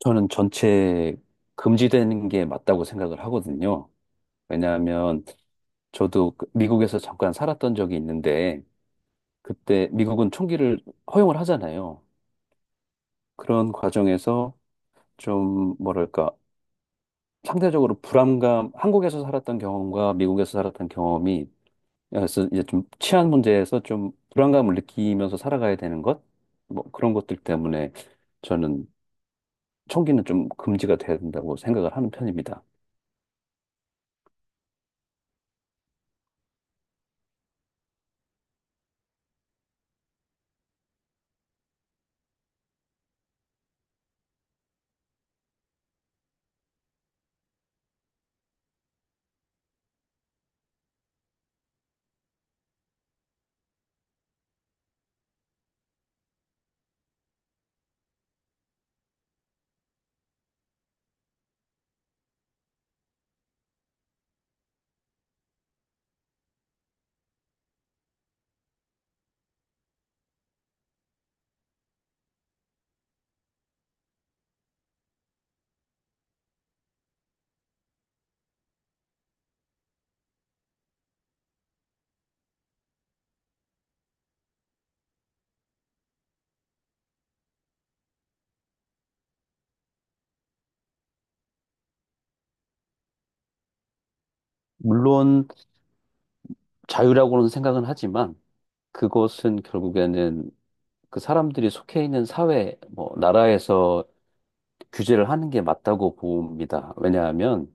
저는 전체 금지되는 게 맞다고 생각을 하거든요. 왜냐하면 저도 미국에서 잠깐 살았던 적이 있는데 그때 미국은 총기를 허용을 하잖아요. 그런 과정에서 좀 뭐랄까 상대적으로 불안감, 한국에서 살았던 경험과 미국에서 살았던 경험이 그래서 이제 좀 치안 문제에서 좀 불안감을 느끼면서 살아가야 되는 것, 뭐 그런 것들 때문에 저는 총기는 좀 금지가 돼야 된다고 생각을 하는 편입니다. 물론 자유라고는 생각은 하지만 그것은 결국에는 그 사람들이 속해 있는 사회, 뭐, 나라에서 규제를 하는 게 맞다고 봅니다. 왜냐하면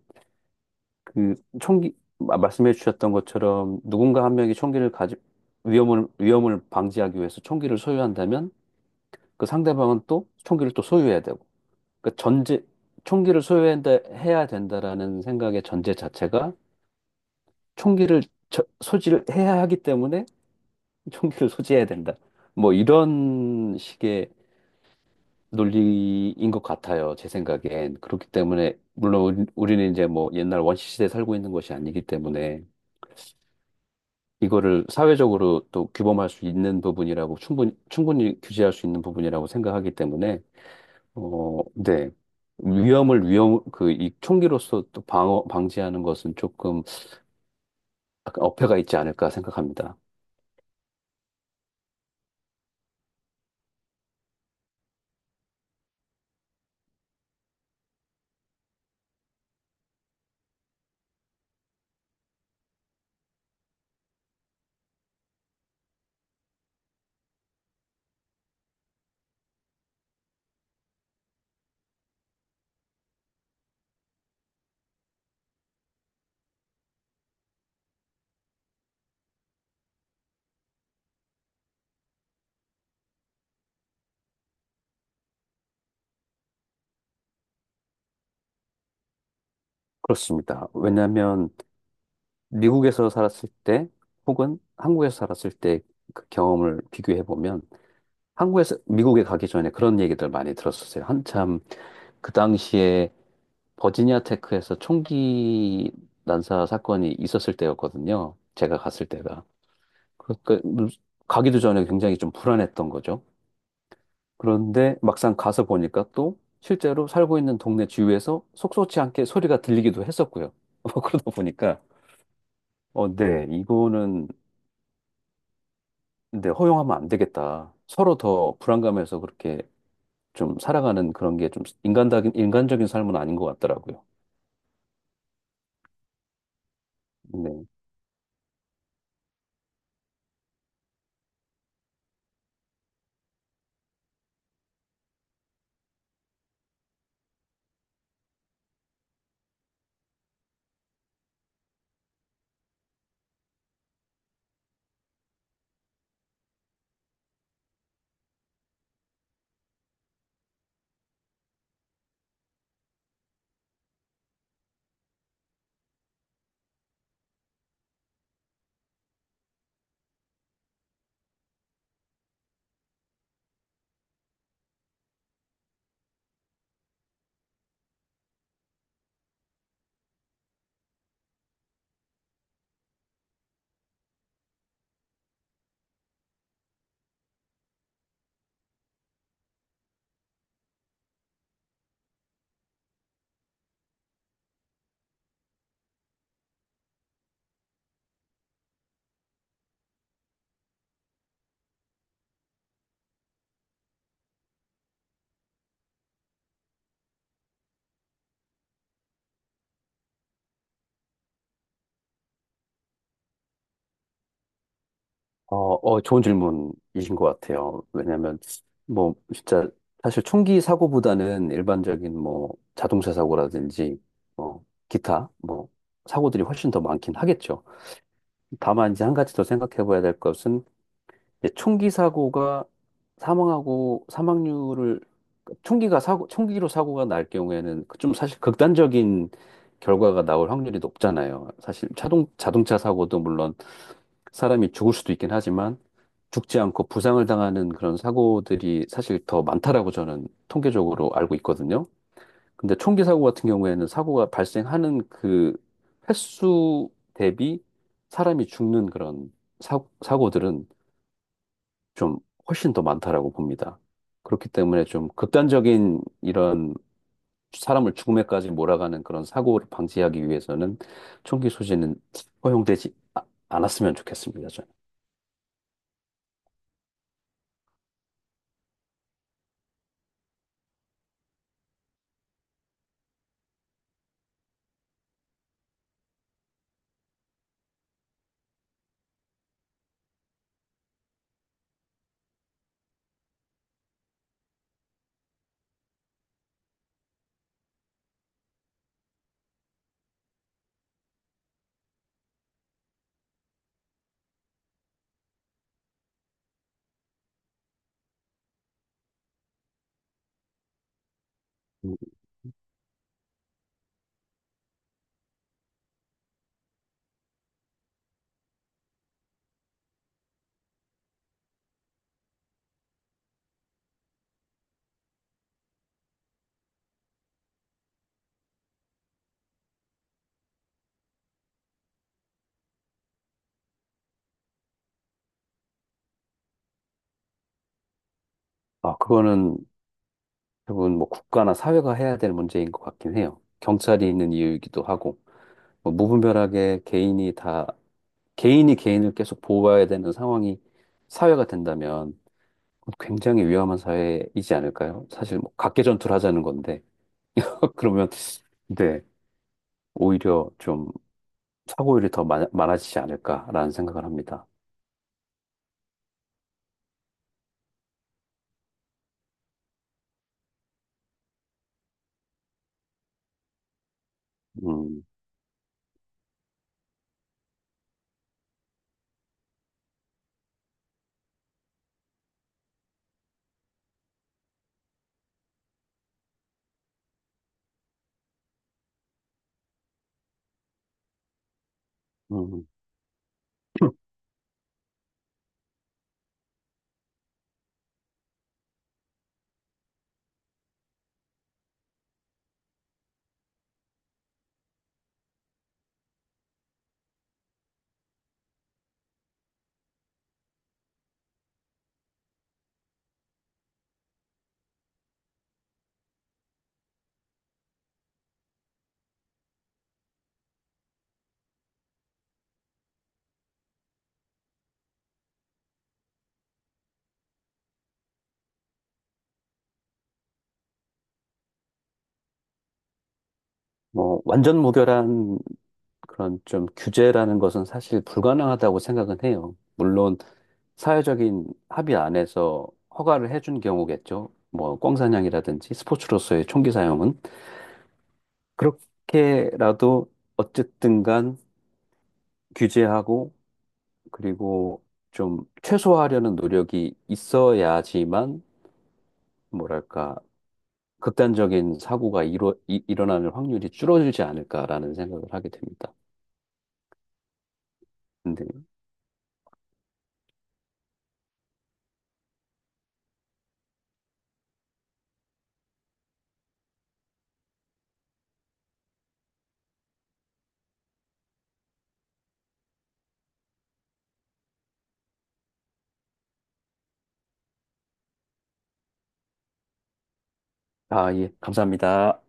그 총기, 말씀해 주셨던 것처럼 누군가 한 명이 총기를 가지, 위험을 방지하기 위해서 총기를 소유한다면 그 상대방은 또 총기를 또 소유해야 되고. 그 전제, 총기를 소유해야 된다라는 생각의 전제 자체가 총기를 소지를 해야 하기 때문에 총기를 소지해야 된다. 뭐 이런 식의 논리인 것 같아요. 제 생각엔. 그렇기 때문에 물론 우리는 이제 뭐 옛날 원시 시대에 살고 있는 것이 아니기 때문에 이거를 사회적으로 또 규범할 수 있는 부분이라고 충분히 규제할 수 있는 부분이라고 생각하기 때문에 네. 위험 그 이 총기로서 또 방어 방지하는 것은 조금 약간 어폐가 있지 않을까 생각합니다. 그렇습니다. 왜냐하면 미국에서 살았을 때 혹은 한국에서 살았을 때 그 경험을 비교해 보면 한국에서 미국에 가기 전에 그런 얘기들 많이 들었었어요. 한참 그 당시에 버지니아 테크에서 총기 난사 사건이 있었을 때였거든요. 제가 갔을 때가. 그러니까 가기도 전에 굉장히 좀 불안했던 거죠. 그런데 막상 가서 보니까 또 실제로 살고 있는 동네 주위에서 속속지 않게 소리가 들리기도 했었고요. 뭐 그러다 보니까 네, 이거는 근데 허용하면 안 되겠다. 서로 더 불안감에서 그렇게 좀 살아가는 그런 게 좀 인간적인 삶은 아닌 것 같더라고요. 네. 어, 좋은 질문이신 것 같아요. 왜냐면, 뭐, 진짜, 사실 총기 사고보다는 일반적인 뭐, 자동차 사고라든지, 뭐, 기타, 뭐, 사고들이 훨씬 더 많긴 하겠죠. 다만, 이제 한 가지 더 생각해 봐야 될 것은, 이제 총기 사고가 사망하고 사망률을 총기가 사고 총기로 사고가 날 경우에는 그좀 사실 극단적인 결과가 나올 확률이 높잖아요. 사실 자동차 사고도 물론 사람이 죽을 수도 있긴 하지만 죽지 않고 부상을 당하는 그런 사고들이 사실 더 많다라고 저는 통계적으로 알고 있거든요. 근데 총기 사고 같은 경우에는 사고가 발생하는 그 횟수 대비 사람이 죽는 그런 사고들은 좀 훨씬 더 많다라고 봅니다. 그렇기 때문에 좀 극단적인 이런 사람을 죽음에까지 몰아가는 그런 사고를 방지하기 위해서는 총기 소지는 허용되지 아- 않았으면 좋겠습니다. 저는. 음. 아, 그거는 대부분 뭐 국가나 사회가 해야 될 문제인 것 같긴 해요. 경찰이 있는 이유이기도 하고 뭐 무분별하게 개인이 개인을 계속 보호해야 되는 상황이 사회가 된다면 굉장히 위험한 사회이지 않을까요? 사실 뭐 각개전투를 하자는 건데. 그러면, 네, 오히려 좀 사고율이 더 많아지지 않을까라는 생각을 합니다. 음, 음. 뭐, 완전 무결한 그런 좀 규제라는 것은 사실 불가능하다고 생각은 해요. 물론, 사회적인 합의 안에서 허가를 해준 경우겠죠. 뭐, 꽝사냥이라든지 스포츠로서의 총기 사용은. 그렇게라도 어쨌든 간 규제하고, 그리고 좀 최소화하려는 노력이 있어야지만 뭐랄까, 극단적인 사고가 일어나는 확률이 줄어들지 않을까라는 생각을 하게 됩니다. 근데, 아, 예, 감사합니다.